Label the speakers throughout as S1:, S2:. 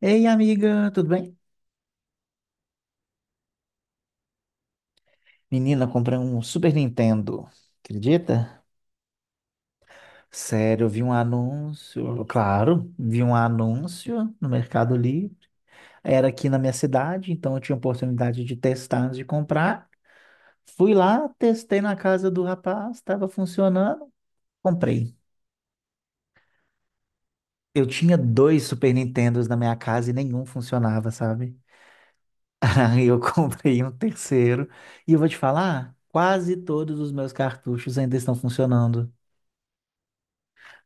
S1: Ei, amiga, tudo bem? Menina, eu comprei um Super Nintendo. Acredita? Sério, eu vi um anúncio. Claro, vi um anúncio no Mercado Livre. Era aqui na minha cidade, então eu tinha oportunidade de testar antes de comprar. Fui lá, testei na casa do rapaz, estava funcionando, comprei. Eu tinha dois Super Nintendos na minha casa e nenhum funcionava, sabe? Aí eu comprei um terceiro. E eu vou te falar, quase todos os meus cartuchos ainda estão funcionando.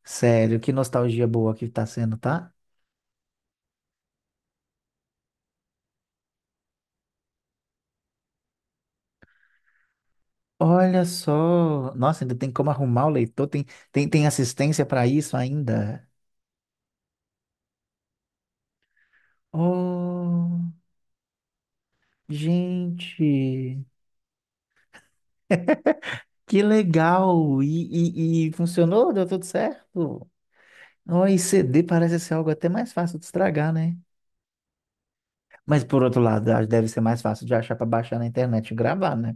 S1: Sério, que nostalgia boa que tá sendo, tá? Olha só. Nossa, ainda tem como arrumar o leitor, tem, tem assistência para isso ainda. Oh, gente, que legal! E funcionou? Deu tudo certo? Oh, e CD parece ser algo até mais fácil de estragar, né? Mas por outro lado, acho que deve ser mais fácil de achar para baixar na internet e gravar, né?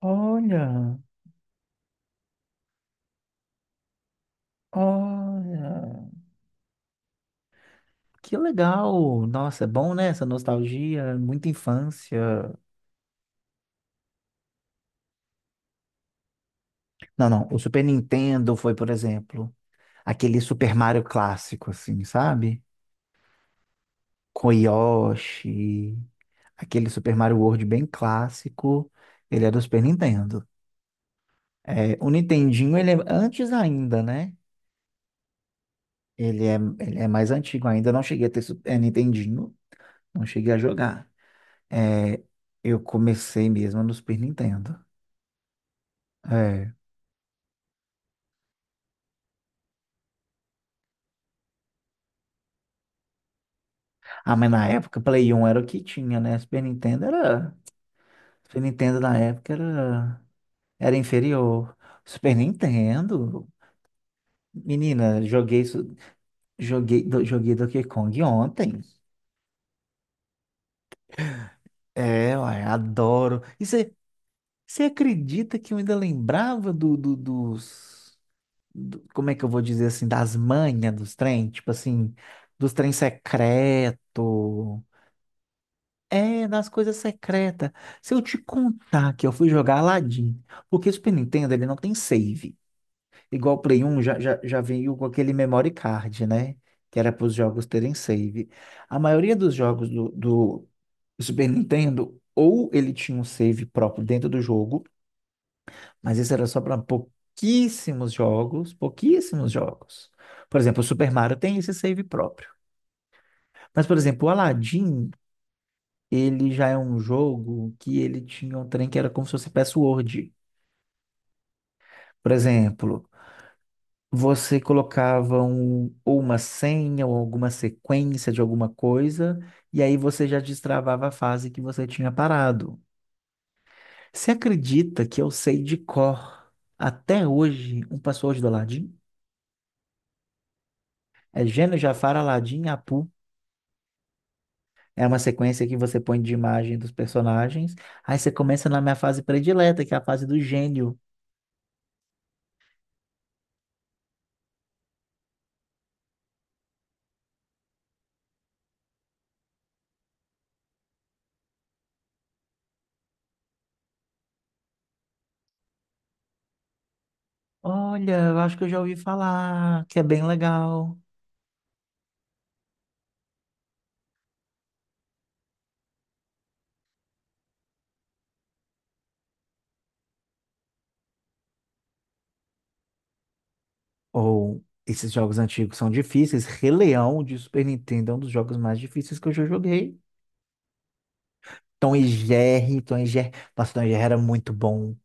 S1: Olha, olha, que legal! Nossa, é bom, né? Essa nostalgia, muita infância. Não, não. O Super Nintendo foi, por exemplo, aquele Super Mario clássico, assim, sabe? Com Yoshi, aquele Super Mario World bem clássico. Ele é do Super Nintendo. É, o Nintendinho, ele é antes ainda, né? Ele é mais antigo ainda. Eu não cheguei a ter Super Nintendinho, não cheguei a jogar. É, eu comecei mesmo no Super Nintendo. É. Ah, mas na época, Play 1 era o que tinha, né? Super Nintendo era. Super Nintendo na época era. Era inferior. Super Nintendo. Menina, joguei, joguei, joguei Donkey Kong ontem. É, uai, adoro. E você acredita que eu ainda lembrava dos. Como é que eu vou dizer assim? Das manhas dos trem? Tipo assim, dos trem secreto. É, das coisas secretas. Se eu te contar que eu fui jogar Aladdin, porque o Super Nintendo ele não tem save. Igual o Play 1 já, já veio com aquele memory card, né? Que era para os jogos terem save. A maioria dos jogos do Super Nintendo, ou ele tinha um save próprio dentro do jogo, mas isso era só para pouquíssimos jogos, pouquíssimos jogos. Por exemplo, o Super Mario tem esse save próprio. Mas, por exemplo, o Aladdin, ele já é um jogo que ele tinha um trem que era como se fosse password. Por exemplo, você colocava um, ou uma senha ou alguma sequência de alguma coisa, e aí você já destravava a fase que você tinha parado. Você acredita que eu sei de cor até hoje um password do Aladdin? É Gênio, Jafar, Aladdin, Apu. É uma sequência que você põe de imagem dos personagens. Aí você começa na minha fase predileta, que é a fase do gênio. Olha, eu acho que eu já ouvi falar, que é bem legal. Ou esses jogos antigos são difíceis. Rei Leão de Super Nintendo é um dos jogos mais difíceis que eu já joguei. Tom e Jerry, Tom e Jerry. Nossa, Tom e Jerry era muito bom.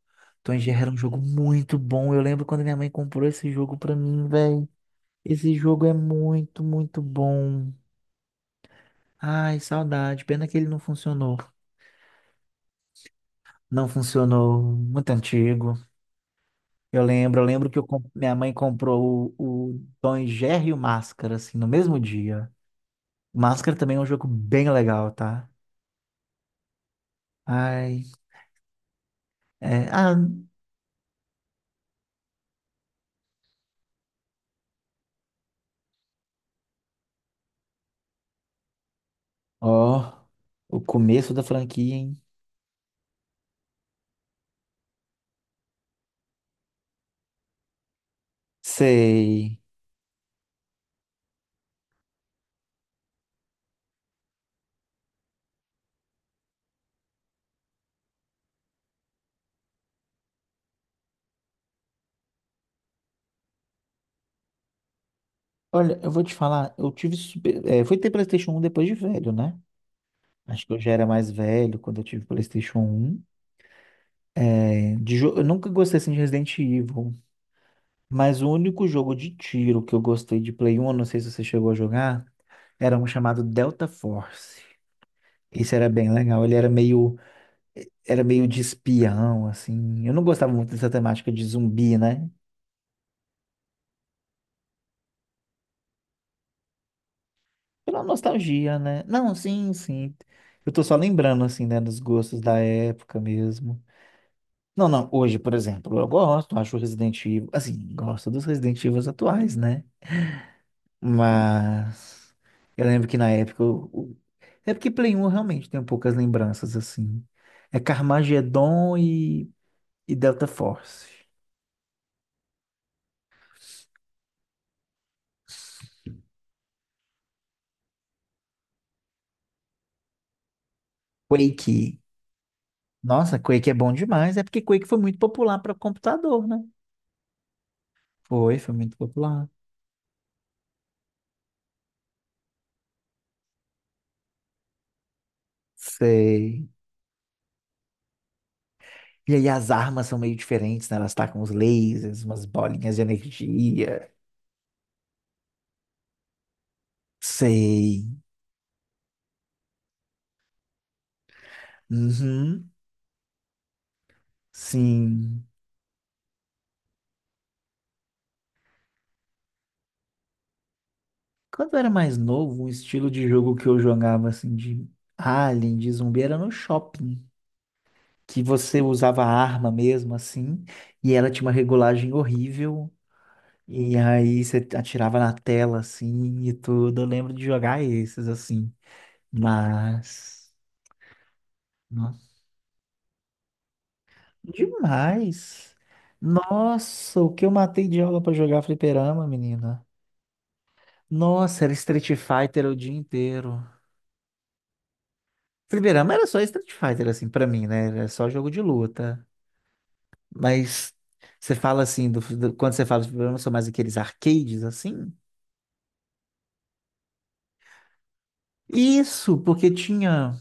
S1: Tom e Jerry era um jogo muito bom. Eu lembro quando minha mãe comprou esse jogo pra mim, velho. Esse jogo é muito, muito bom. Ai, saudade. Pena que ele não funcionou. Não funcionou. Muito antigo. Eu lembro que eu minha mãe comprou o Tom e Jerry e o Máscara, assim, no mesmo dia. Máscara também é um jogo bem legal, tá? Ai, é, ah, ó, o começo da franquia, hein? Sei. Olha, eu vou te falar, eu tive super, é, fui ter PlayStation um depois de velho, né? Acho que eu já era mais velho quando eu tive PlayStation um. É, eu nunca gostei assim de Resident Evil, mas o único jogo de tiro que eu gostei de Play 1, eu não sei se você chegou a jogar, era um chamado Delta Force. Esse era bem legal, era meio de espião, assim. Eu não gostava muito dessa temática de zumbi, né? Pela nostalgia, né? Não, sim, sim. Eu tô só lembrando, assim, né, dos gostos da época mesmo. Não, não, hoje, por exemplo, eu gosto, acho o Resident Evil, assim, gosto dos Resident Evil atuais, né? Mas eu lembro que na época. É porque Play um eu realmente tem poucas lembranças, assim. É Carmageddon e Delta Force. Quake. Nossa, Quake é bom demais. É porque Quake foi muito popular para computador, né? Foi, foi muito popular. Sei. E aí as armas são meio diferentes, né? Elas tacam uns lasers, umas bolinhas de energia. Sei. Uhum. Sim. Quando eu era mais novo, um estilo de jogo que eu jogava assim de alien, de zumbi, era no shopping. Que você usava a arma mesmo, assim, e ela tinha uma regulagem horrível. E aí você atirava na tela, assim, e tudo. Eu lembro de jogar esses, assim. Mas. Nossa. Demais. Nossa, o que eu matei de aula pra jogar fliperama, menina. Nossa, era Street Fighter o dia inteiro. Fliperama era só Street Fighter, assim, pra mim, né? Era só jogo de luta. Mas você fala assim, quando você fala de fliperama, são mais aqueles arcades, assim? Isso, porque tinha.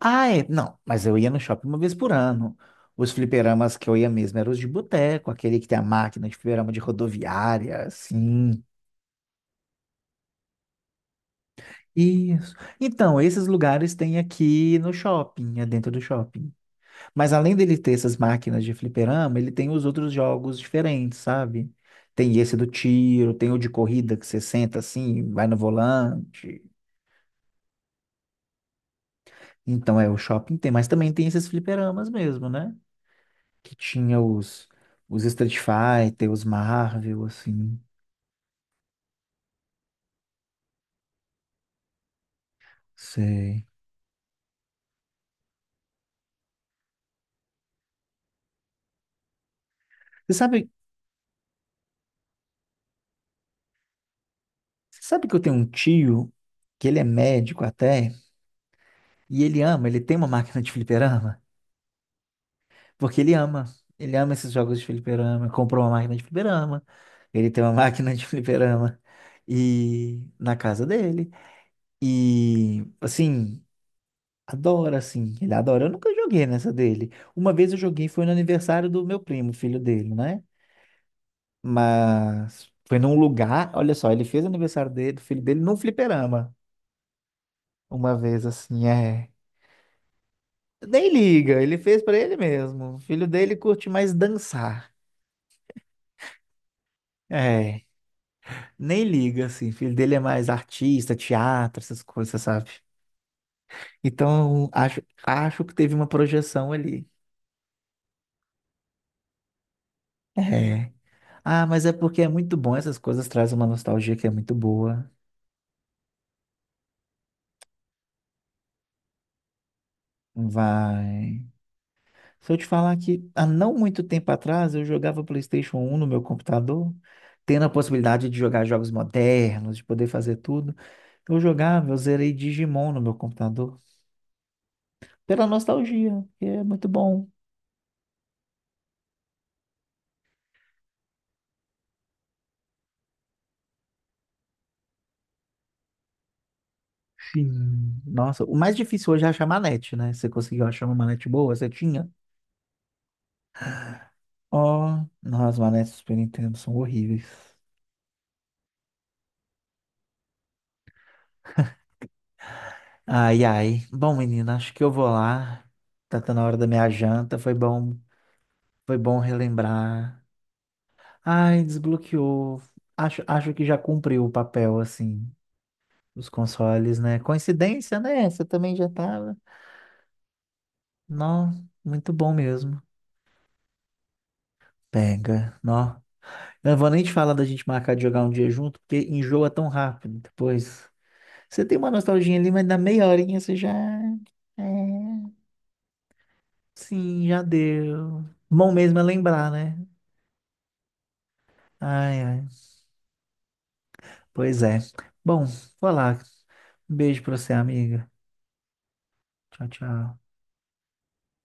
S1: Ah, é. Não, mas eu ia no shopping uma vez por ano. Os fliperamas que eu ia mesmo eram os de boteco, aquele que tem a máquina de fliperama de rodoviária, assim. Isso. Então, esses lugares tem aqui no shopping, é dentro do shopping. Mas além dele ter essas máquinas de fliperama, ele tem os outros jogos diferentes, sabe? Tem esse do tiro, tem o de corrida que você senta assim, vai no volante. Então, é, o shopping tem, mas também tem esses fliperamas mesmo, né? Que tinha os Street Fighter, os Marvel, assim. Sei. Você sabe, você sabe que eu tenho um tio que ele é médico até, e ele ama, ele tem uma máquina de fliperama? Porque ele ama. Ele ama esses jogos de fliperama. Comprou uma máquina de fliperama. Ele tem uma máquina de fliperama. E na casa dele. E assim, adora, assim. Ele adora. Eu nunca joguei nessa dele. Uma vez eu joguei, foi no aniversário do meu primo, filho dele, né? Mas foi num lugar. Olha só, ele fez o aniversário dele, do filho dele, num fliperama. Uma vez, assim, é. Nem liga, ele fez pra ele mesmo. O filho dele curte mais dançar. É. Nem liga, assim. O filho dele é mais artista, teatro, essas coisas, sabe? Então, acho que teve uma projeção ali. É. Ah, mas é porque é muito bom, essas coisas trazem uma nostalgia que é muito boa. Vai. Se eu te falar que há não muito tempo atrás eu jogava PlayStation um no meu computador, tendo a possibilidade de jogar jogos modernos, de poder fazer tudo, eu jogava, eu zerei Digimon no meu computador, pela nostalgia, que é muito bom. Sim. Nossa, o mais difícil hoje é achar manete, né? Você conseguiu achar uma manete boa? Você tinha? Ó, oh, nossa, as manetes do Super Nintendo são horríveis. Ai, ai. Bom, menina, acho que eu vou lá. Tá, tá na hora da minha janta. Foi bom relembrar. Ai, desbloqueou. Acho que já cumpriu o papel, assim, dos consoles, né? Coincidência, né? Você também já tava. Não, muito bom mesmo. Pega, nó. Eu não vou nem te falar da gente marcar de jogar um dia junto, porque enjoa tão rápido depois. Você tem uma nostalgia ali, mas na meia horinha você já. É, sim, já deu. Bom mesmo é lembrar, né? Ai, ai. Pois é. Bom, vou lá. Um beijo pra você, amiga. Tchau, tchau.